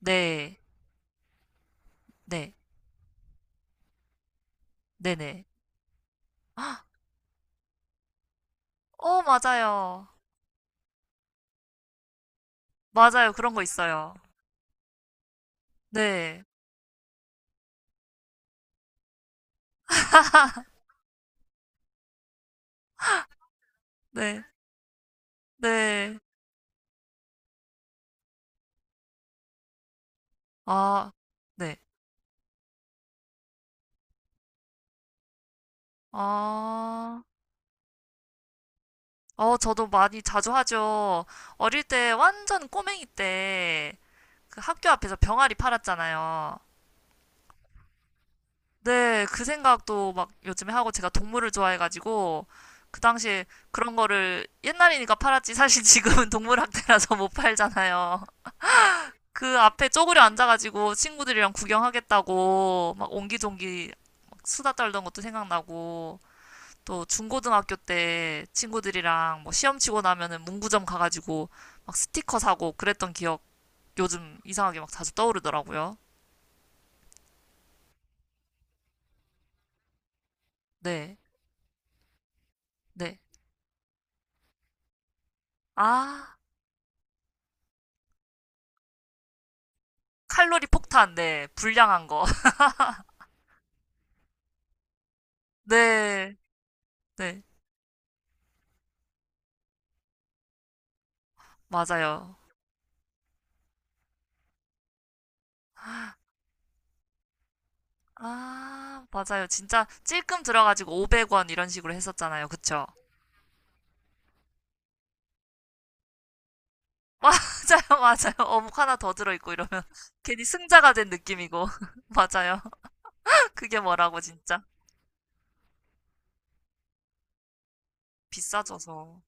네, 네, 네네. 아, 어, 맞아요. 맞아요. 그런 거 있어요. 네, 네, 네. 아, 네. 아, 어, 저도 많이 자주 하죠. 어릴 때, 완전 꼬맹이 때, 그 학교 앞에서 병아리 팔았잖아요. 네, 그 생각도 막 요즘에 하고 제가 동물을 좋아해가지고, 그 당시에 그런 거를 옛날이니까 팔았지. 사실 지금은 동물학대라서 못 팔잖아요. 그 앞에 쪼그려 앉아가지고 친구들이랑 구경하겠다고 막 옹기종기 막 수다 떨던 것도 생각나고 또 중고등학교 때 친구들이랑 뭐 시험 치고 나면은 문구점 가가지고 막 스티커 사고 그랬던 기억 요즘 이상하게 막 자주 떠오르더라고요. 네, 네. 아, 칼로리 폭탄, 네. 불량한 거. 네, 네. 맞아요. 아, 맞아요. 진짜 찔끔 들어가지고 500원 이런 식으로 했었잖아요. 그쵸? 맞아요, 맞아요. 어묵 하나 더 들어있고 이러면 괜히 승자가 된 느낌이고. 맞아요. 그게 뭐라고, 진짜. 비싸져서.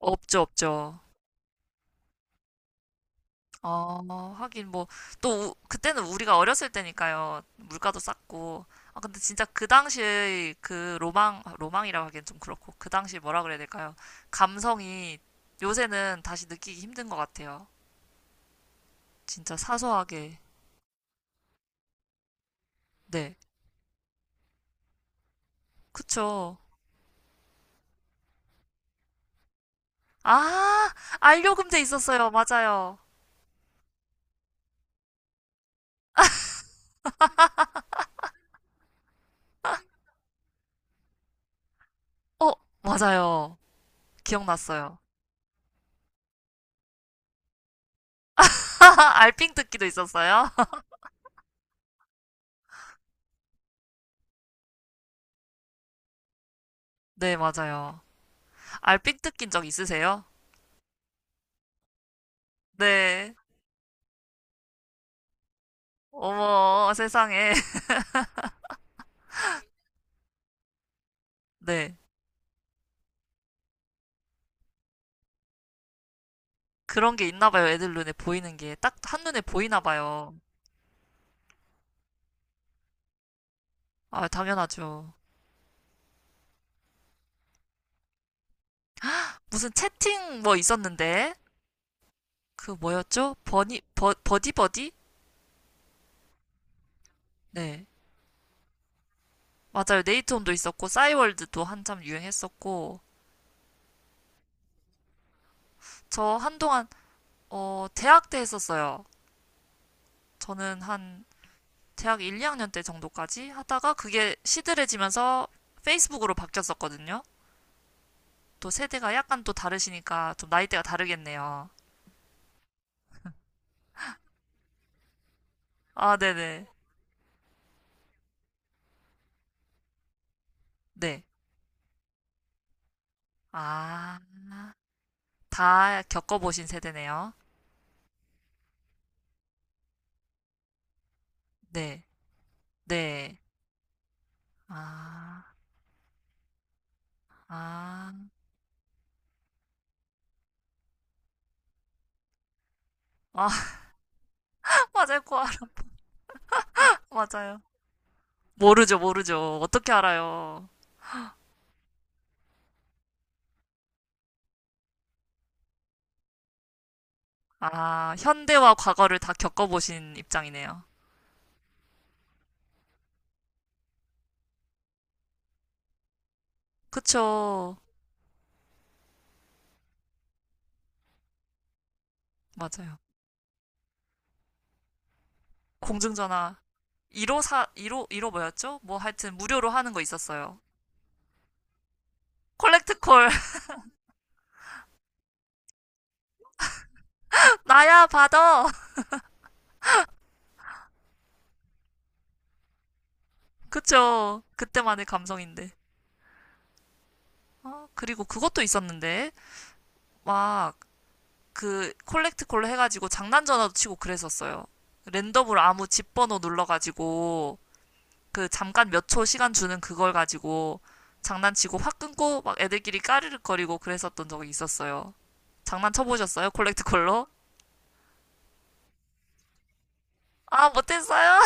없죠, 없죠. 어, 하긴 뭐, 또, 그때는 우리가 어렸을 때니까요. 물가도 쌌고. 아, 근데 진짜 그 당시의 그 로망, 아, 로망이라고 하기엔 좀 그렇고, 그 당시 뭐라 그래야 될까요? 감성이 요새는 다시 느끼기 힘든 것 같아요. 진짜 사소하게. 네. 그쵸. 아, 알료금 돼 있었어요. 맞아요. 어, 맞아요. 기억났어요. 알핑 뜯기도 있었어요? 네, 맞아요. 알핑 뜯긴 적 있으세요? 네. 어머, 세상에. 네. 그런 게 있나 봐요. 애들 눈에 보이는 게. 딱 한눈에 보이나 봐요. 아, 당연하죠. 무슨 채팅 뭐 있었는데? 그 뭐였죠? 버디버디? 네. 맞아요. 네이트홈도 있었고, 싸이월드도 한참 유행했었고, 저 한동안, 어, 대학 때 했었어요. 저는 한 대학 1, 2학년 때 정도까지 하다가 그게 시들해지면서 페이스북으로 바뀌었었거든요. 또 세대가 약간 또 다르시니까 좀 나이대가 다르겠네요. 아, 네네. 네. 아, 다 겪어보신 세대네요. 네. 네. 아, 아, 아, 맞아요. 꼭 알아. 맞아요. 모르죠, 모르죠. 어떻게 알아요? 아, 현대와 과거를 다 겪어보신 입장이네요. 그쵸. 맞아요. 공중전화 1호사15 15 뭐였죠? 뭐 하여튼 무료로 하는 거 있었어요. 콜렉트콜 나야 받아. 그쵸? 그때만의 감성인데. 아, 그리고 그것도 있었는데 막 그 콜렉트콜로 해가지고 장난 전화도 치고 그랬었어요. 랜덤으로 아무 집 번호 눌러가지고 그 잠깐 몇 초 시간 주는 그걸 가지고 장난치고 확 끊고 막 애들끼리 까르륵거리고 그랬었던 적이 있었어요. 장난 쳐보셨어요? 콜렉트콜로? 아, 못했어요.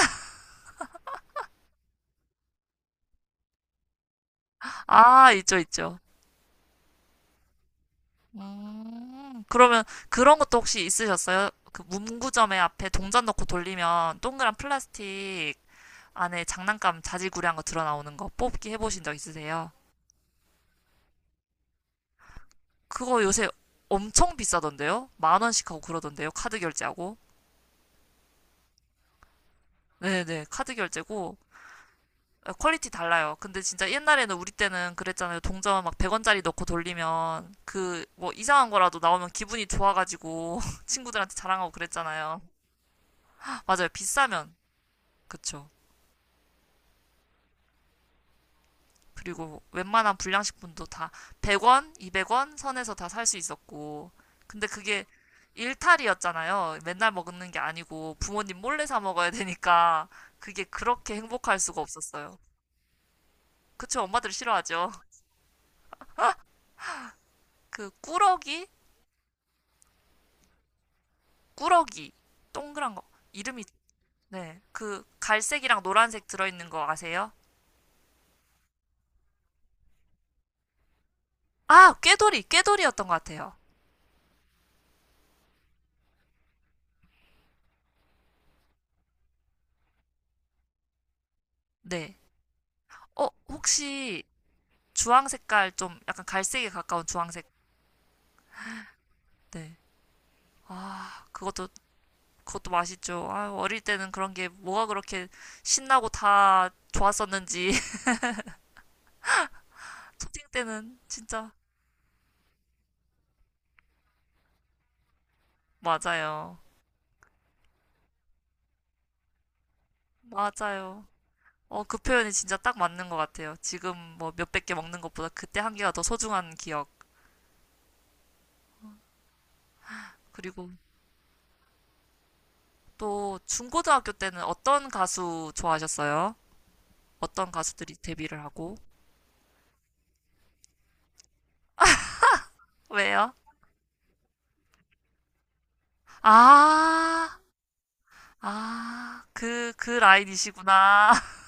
아, 있죠, 있죠. 그러면 그런 것도 혹시 있으셨어요? 그 문구점에 앞에 동전 넣고 돌리면 동그란 플라스틱 안에 장난감 자질구레한 거 드러나오는 거 뽑기 해보신 적 있으세요? 그거 요새 엄청 비싸던데요? 10,000원씩 하고 그러던데요? 카드 결제하고? 네네, 카드 결제고. 아, 퀄리티 달라요. 근데 진짜 옛날에는 우리 때는 그랬잖아요. 동전 막 100원짜리 넣고 돌리면 그 뭐 이상한 거라도 나오면 기분이 좋아가지고 친구들한테 자랑하고 그랬잖아요. 맞아요. 비싸면 그쵸. 그리고 웬만한 불량식품도 다 100원, 200원 선에서 다 살 수 있었고. 근데 그게 일탈이었잖아요. 맨날 먹는 게 아니고 부모님 몰래 사 먹어야 되니까 그게 그렇게 행복할 수가 없었어요. 그쵸. 엄마들 싫어하죠. 그 꾸러기, 꾸러기 동그란 거 이름이 네. 그 갈색이랑 노란색 들어있는 거 아세요? 아, 꾀돌이, 꾀돌이였던 것 같아요. 네. 어, 혹시 주황 색깔 좀 약간 갈색에 가까운 주황색. 네. 아, 그것도 맛있죠. 아, 어릴 때는 그런 게 뭐가 그렇게 신나고 다 좋았었는지. 초딩 때는 진짜 맞아요. 맞아요. 어, 그 표현이 진짜 딱 맞는 것 같아요. 지금 뭐 몇백 개 먹는 것보다 그때 한 개가 더 소중한 기억. 그리고 또 중고등학교 때는 어떤 가수 좋아하셨어요? 어떤 가수들이 데뷔를 하고? 왜요? 아, 그 라인이시구나.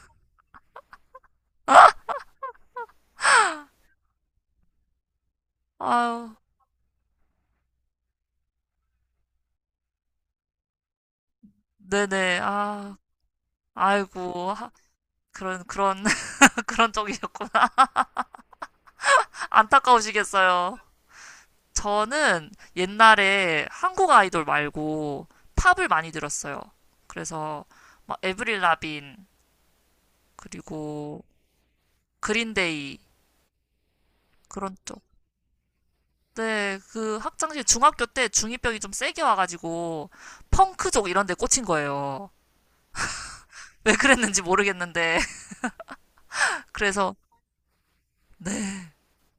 아유, 네네. 아, 아이고. 그런, 그런 쪽이셨구나. 안타까우시겠어요. 저는 옛날에 한국 아이돌 말고 팝을 많이 들었어요. 그래서 막 에브릴 라빈, 그리고 그린데이, 그런 쪽. 네, 그 학창시절 중학교 때 중2병이 좀 세게 와가지고 펑크족 이런 데 꽂힌 거예요. 왜 그랬는지 모르겠는데. 그래서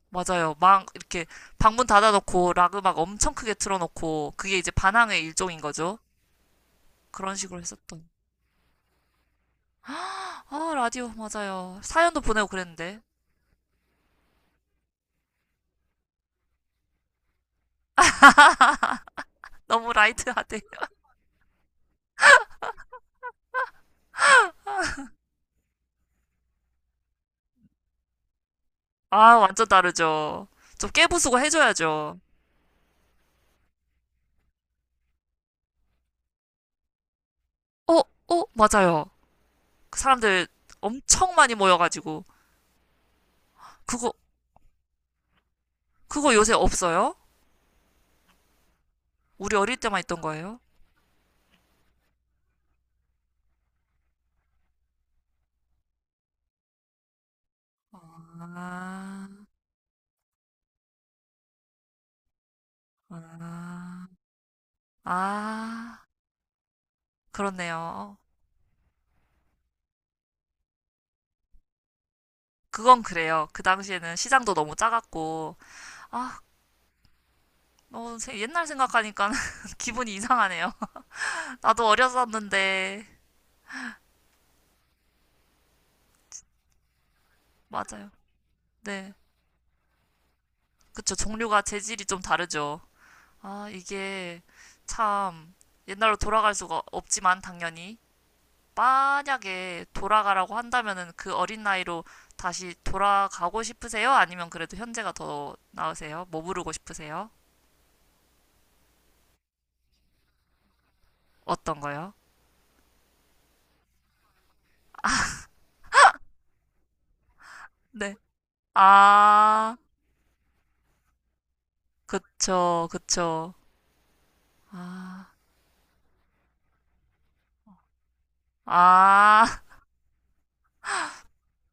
맞아요. 막 이렇게 방문 닫아놓고 락 음악 엄청 크게 틀어놓고 그게 이제 반항의 일종인 거죠. 그런 식으로 했었던. 아, 라디오 맞아요. 사연도 보내고 그랬는데 너무 라이트하대. 아, 완전 다르죠. 좀 깨부수고 해줘야죠. 어, 어, 맞아요. 그 사람들 엄청 많이 모여가지고 그거 그거 요새 없어요? 우리 어릴 때만 있던 거예요? 아, 아, 아, 그렇네요. 그건 그래요. 그 당시에는 시장도 너무 작았고 아, 어, 옛날 생각하니까 기분이 이상하네요. 나도 어렸었는데. 맞아요. 네. 그쵸. 종류가 재질이 좀 다르죠. 아, 이게 참 옛날로 돌아갈 수가 없지만 당연히 만약에 돌아가라고 한다면은 그 어린 나이로 다시 돌아가고 싶으세요? 아니면 그래도 현재가 더 나으세요? 뭐 부르고 싶으세요? 어떤 거요? 네. 아, 그쵸, 그쵸. 아, 아,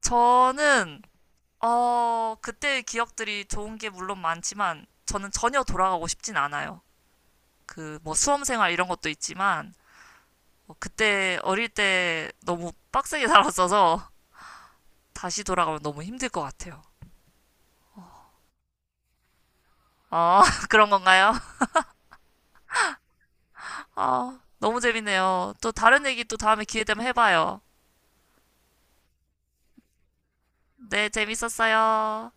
저는 어, 그때의 기억들이 좋은 게 물론 많지만 저는 전혀 돌아가고 싶진 않아요. 그 뭐 수험 생활 이런 것도 있지만 뭐 그때 어릴 때 너무 빡세게 살았어서 다시 돌아가면 너무 힘들 것 같아요. 아, 그런 건가요? 아, 너무 재밌네요. 또 다른 얘기 또 다음에 기회 되면 해봐요. 네, 재밌었어요.